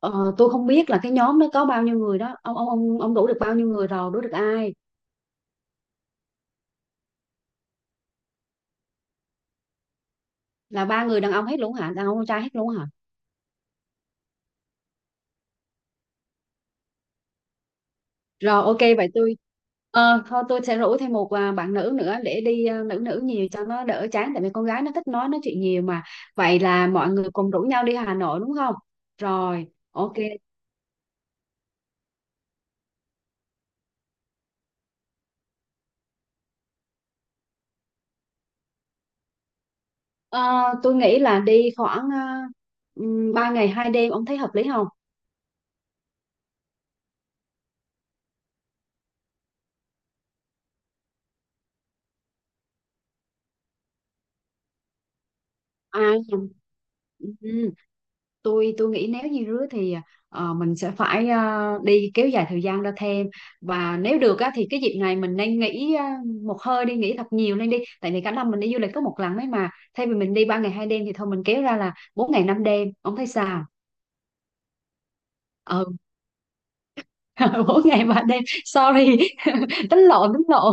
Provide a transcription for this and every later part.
Ờ, tôi không biết là cái nhóm nó có bao nhiêu người đó Ông đủ được bao nhiêu người rồi? Đủ được ai? Là ba người đàn ông hết luôn hả? Đàn ông con trai hết luôn hả? Rồi, ok, vậy tôi, thôi tôi sẽ rủ thêm một, bạn nữ nữa để đi, nữ nữ nhiều cho nó đỡ chán, tại vì con gái nó thích nói chuyện nhiều mà. Vậy là mọi người cùng rủ nhau đi Hà Nội đúng không? Rồi, ok. Ờ, tôi nghĩ là đi khoảng, 3 ngày 2 đêm. Ông thấy hợp lý không? À, ừ. Tôi nghĩ nếu như rứa thì, mình sẽ phải, đi kéo dài thời gian ra thêm. Và nếu được á, thì cái dịp này mình nên nghỉ, một hơi đi nghỉ thật nhiều lên đi, tại vì cả năm mình đi du lịch có một lần ấy mà. Thay vì mình đi 3 ngày 2 đêm thì thôi mình kéo ra là 4 ngày 5 đêm. Ông thấy sao? Ừ. 4 ngày 3 đêm, sorry. Tính lộn, tính lộn.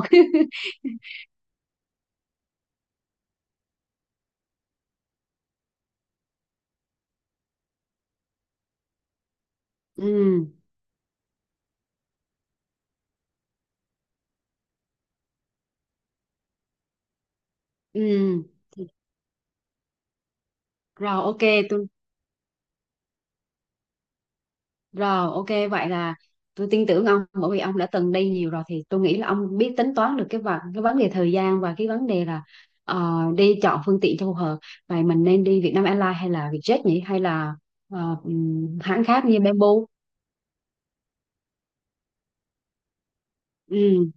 Ừ, ừ, rồi, ok, tôi. Rồi, ok, vậy là tôi tin tưởng ông, bởi vì ông đã từng đi nhiều rồi thì tôi nghĩ là ông biết tính toán được cái vấn đề thời gian và cái vấn đề là, đi chọn phương tiện cho phù hợp. Vậy mình nên đi Vietnam Airlines hay là Vietjet nhỉ, hay là hãng khác như Bamboo? Ừ,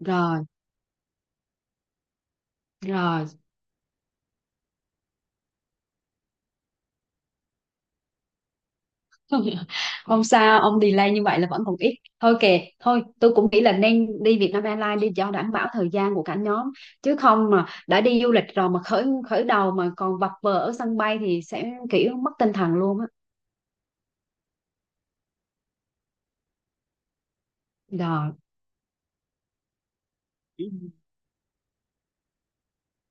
rồi, rồi. Không sao ông, delay như vậy là vẫn còn ít. Thôi kệ, thôi tôi cũng nghĩ là nên đi Vietnam Airlines đi cho đảm bảo thời gian của cả nhóm. Chứ không mà đã đi du lịch rồi mà khởi khởi đầu mà còn vật vờ ở sân bay thì sẽ kiểu mất tinh thần luôn á. Rồi. Ừ.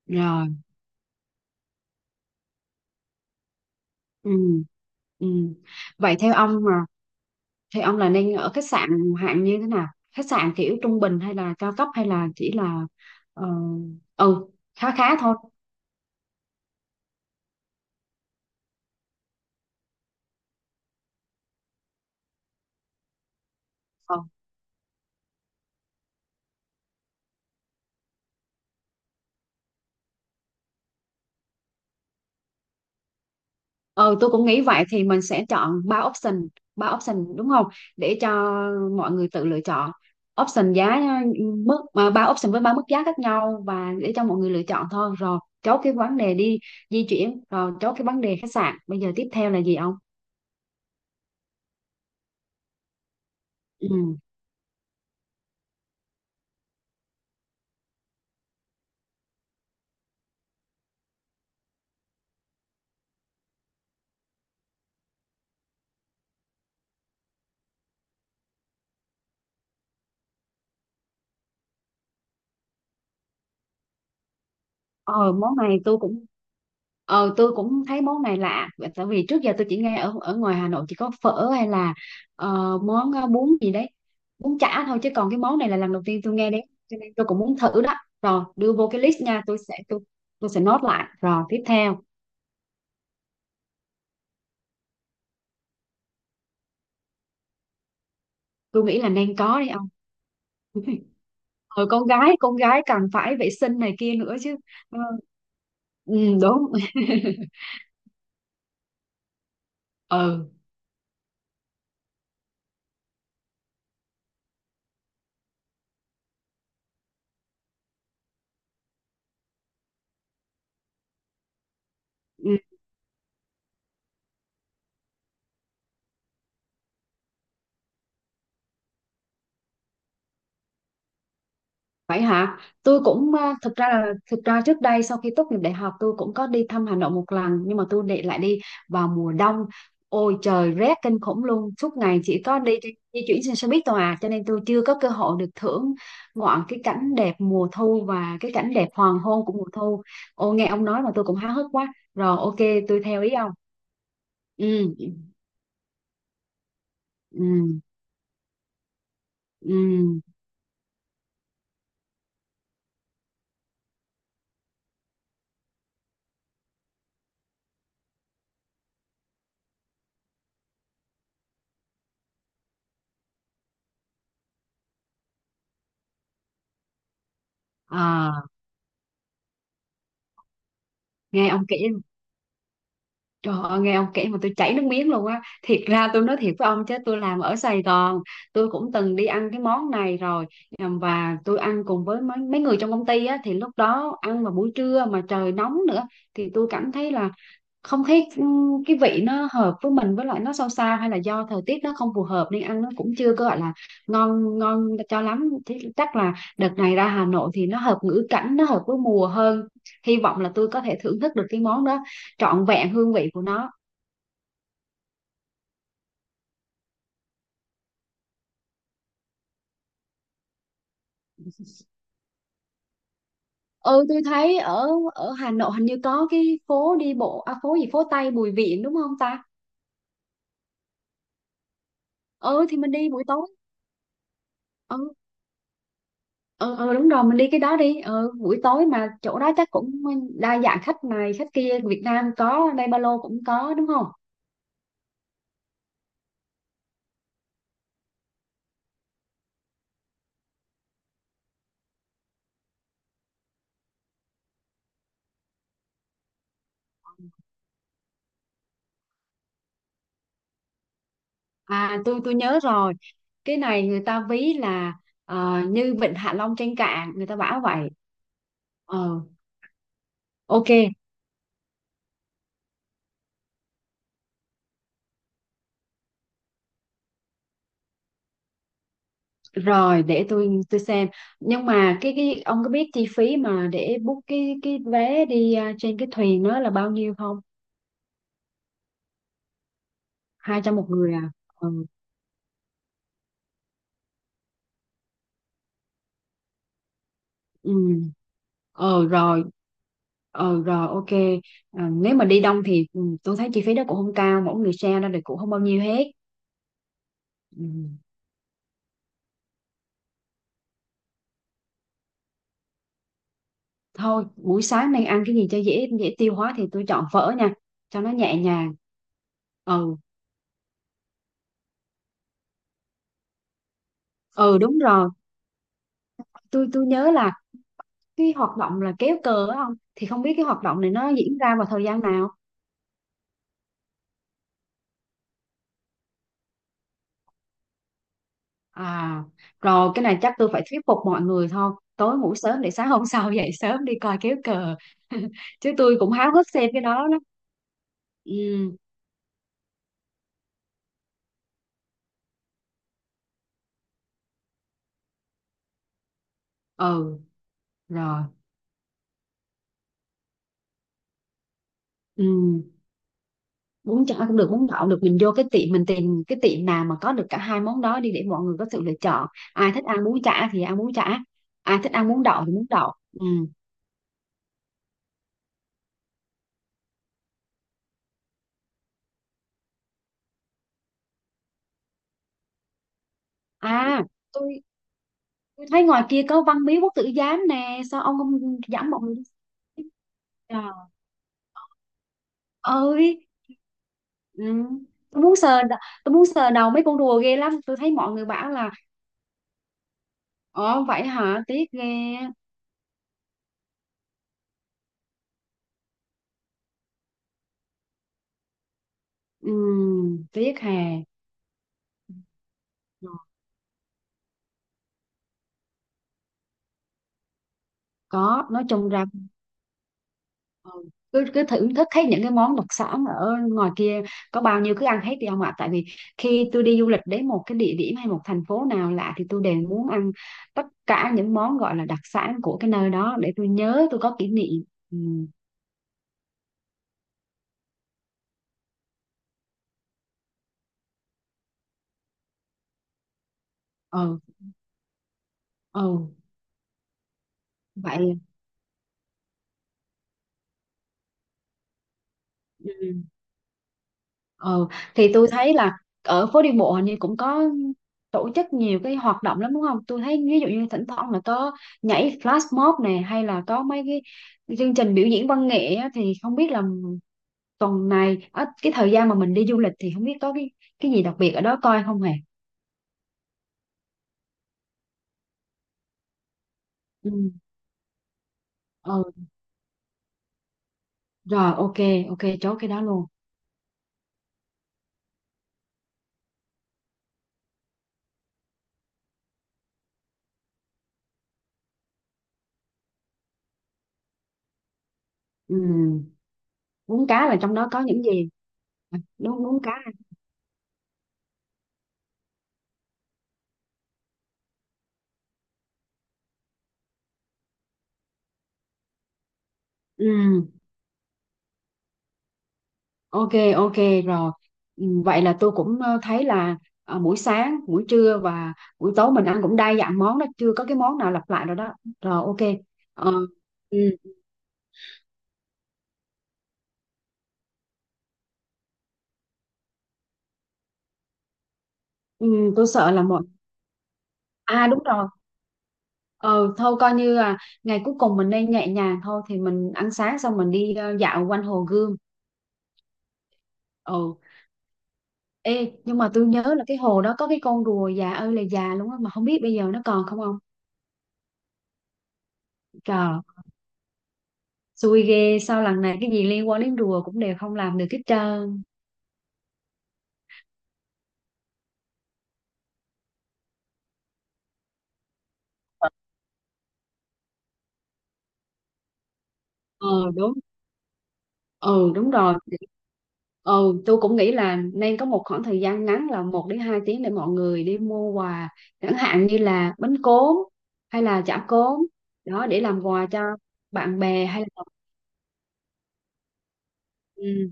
Rồi, ừ, ừ. Vậy theo ông là nên ở khách sạn hạng như thế nào? Khách sạn kiểu trung bình hay là cao cấp, hay là chỉ là, ờ, ừ khá khá thôi. Ờ. Ừ, tôi cũng nghĩ vậy, thì mình sẽ chọn ba option đúng không? Để cho mọi người tự lựa chọn option giá mức, mà ba option với ba mức giá khác nhau, và để cho mọi người lựa chọn thôi. Rồi, chốt cái vấn đề di chuyển, rồi chốt cái vấn đề khách sạn. Bây giờ tiếp theo là gì ông? Ừ. ờ Món này tôi cũng, tôi cũng thấy món này lạ. Và tại vì trước giờ tôi chỉ nghe ở ở ngoài Hà Nội chỉ có phở, hay là món, bún gì đấy, bún chả thôi. Chứ còn cái món này là lần đầu tiên tôi nghe đấy. Cho nên tôi cũng muốn thử đó. Rồi đưa vô cái list nha, tôi sẽ nốt lại. Rồi tiếp theo. Tôi nghĩ là nên có đi ông. Con gái cần phải vệ sinh này kia nữa chứ. Ừ, ừ, đúng. Ừ. Vậy hả? Tôi cũng, thực ra trước đây sau khi tốt nghiệp đại học tôi cũng có đi thăm Hà Nội một lần, nhưng mà tôi để lại đi vào mùa đông. Ôi trời, rét kinh khủng luôn, suốt ngày chỉ có đi di chuyển trên xe buýt thôi à, cho nên tôi chưa có cơ hội được thưởng ngoạn cái cảnh đẹp mùa thu và cái cảnh đẹp hoàng hôn của mùa thu. Ô, nghe ông nói mà tôi cũng háo hức quá. Rồi ok, tôi theo ý ông. Ừ, ừ, ừ. À, nghe ông kể Trời ơi, nghe ông kể mà tôi chảy nước miếng luôn á. Thiệt ra tôi nói thiệt với ông chứ, tôi làm ở Sài Gòn, tôi cũng từng đi ăn cái món này rồi. Và tôi ăn cùng với mấy mấy người trong công ty á, thì lúc đó ăn vào buổi trưa mà trời nóng nữa, thì tôi cảm thấy là không thấy, cái vị nó hợp với mình, với lại nó sao sao, hay là do thời tiết nó không phù hợp nên ăn nó cũng chưa có gọi là ngon ngon cho lắm. Thế chắc là đợt này ra Hà Nội thì nó hợp ngữ cảnh, nó hợp với mùa hơn. Hy vọng là tôi có thể thưởng thức được cái món đó trọn vẹn hương vị của nó. Ừ, tôi thấy ở ở Hà Nội hình như có cái phố đi bộ, phố gì, phố Tây Bùi Viện đúng không ta? Ừ, thì mình đi buổi tối. Ừ, ừ, ừ, đúng rồi, mình đi cái đó đi, buổi tối mà chỗ đó chắc cũng đa dạng khách này khách kia, Việt Nam có, đây ba lô cũng có đúng không? À, tôi nhớ rồi, cái này người ta ví là, như Vịnh Hạ Long trên cạn, người ta bảo vậy. ờ ok rồi, để tôi xem. Nhưng mà cái ông có biết chi phí mà để book cái vé đi, trên cái thuyền đó là bao nhiêu không? 200 một người à? Ừ. Ừ, ờ rồi, ờ rồi, ok. À, nếu mà đi đông thì, tôi thấy chi phí đó cũng không cao, mỗi người share ra thì cũng không bao nhiêu hết. Ừ. Thôi buổi sáng nên ăn cái gì cho dễ dễ tiêu hóa, thì tôi chọn phở nha cho nó nhẹ nhàng. Ừ, ừ, đúng rồi. Tôi nhớ là cái hoạt động là kéo cờ á, không thì không biết cái hoạt động này nó diễn ra vào thời gian nào. À, rồi cái này chắc tôi phải thuyết phục mọi người thôi. Tối ngủ sớm để sáng hôm sau dậy sớm đi coi kéo cờ. Chứ tôi cũng háo hức xem cái đó lắm. Ừ, ừ, rồi. Ừ, bún chả cũng được, bún đậu được. Mình vô cái tiệm, mình tìm cái tiệm nào mà có được cả hai món đó đi để mọi người có sự lựa chọn. Ai thích ăn bún chả thì ăn bún chả. Ai thích ăn bún đậu thì bún đậu. Ừ. À, tôi, tôi thấy ngoài kia có Văn Miếu Quốc Tử Giám nè. Sao ông không dẫn mọi người đi? Ơi. Ừ. Tôi muốn sờ đ- tôi muốn sờ đầu mấy con rùa ghê lắm, tôi thấy mọi người bảo là. Ờ Vậy hả, tiếc ghê. Ừ, tiếc hè. Có, nói chung ra, ừ, cứ cứ thưởng thức hết những cái món đặc sản ở ngoài kia. Có bao nhiêu cứ ăn hết đi ông ạ, tại vì khi tôi đi du lịch đến một cái địa điểm hay một thành phố nào lạ thì tôi đều muốn ăn tất cả những món gọi là đặc sản của cái nơi đó, để tôi nhớ, tôi có kỷ niệm. Ừ, ừ, ừ, vậy. Ừ. Ừ. Thì tôi thấy là ở phố đi bộ hình như cũng có tổ chức nhiều cái hoạt động lắm đúng không? Tôi thấy ví dụ như thỉnh thoảng là có nhảy flash mob này, hay là có mấy cái chương trình biểu diễn văn nghệ á, thì không biết là tuần này á, cái thời gian mà mình đi du lịch thì không biết có cái gì đặc biệt ở đó coi không hề? Ừ. Ừ. Rồi, ok, ok, chốt cái đó luôn. Ừ. Bún cá là trong đó có những gì? À, đúng, bún cá. Ừ. Ok, ok, rồi. Ừ, vậy là tôi cũng, thấy là, buổi sáng, buổi trưa và buổi tối mình ăn cũng đa dạng món đó, chưa có cái món nào lặp lại rồi đó. Rồi ok. Ờ, ừ, ừ, tôi sợ là một. À, đúng rồi. Ờ, thôi coi như là ngày cuối cùng mình nên nhẹ nhàng thôi, thì mình ăn sáng xong mình đi, dạo quanh Hồ Gươm. Ừ. Ê, nhưng mà tôi nhớ là cái hồ đó có cái con rùa già ơi là già luôn á, mà không biết bây giờ nó còn không không? Trời, xui ghê. Sao lần này cái gì liên quan đến rùa cũng đều không làm được hết trơn. Ờ đúng, ừ, đúng rồi. Ừ, tôi cũng nghĩ là nên có một khoảng thời gian ngắn là 1 đến 2 tiếng để mọi người đi mua quà, chẳng hạn như là bánh cốm hay là chả cốm. Đó, để làm quà cho bạn bè hay là. Ừ.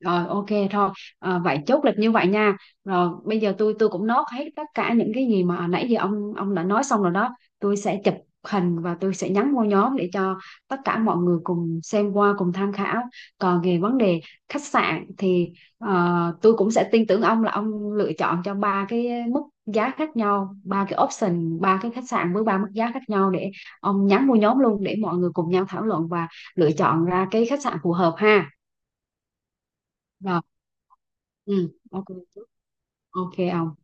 Rồi ok thôi, vậy chốt lịch như vậy nha. Rồi bây giờ tôi cũng nốt hết tất cả những cái gì mà nãy giờ ông đã nói xong rồi đó. Tôi sẽ chụp hình và tôi sẽ nhắn vô nhóm để cho tất cả mọi người cùng xem qua cùng tham khảo. Còn về vấn đề khách sạn thì, tôi cũng sẽ tin tưởng ông là ông lựa chọn cho ba cái mức giá khác nhau, ba cái option, ba cái khách sạn với ba mức giá khác nhau, để ông nhắn vô nhóm luôn để mọi người cùng nhau thảo luận và lựa chọn ra cái khách sạn phù hợp ha. Rồi. Ừ, ok. Ok ông.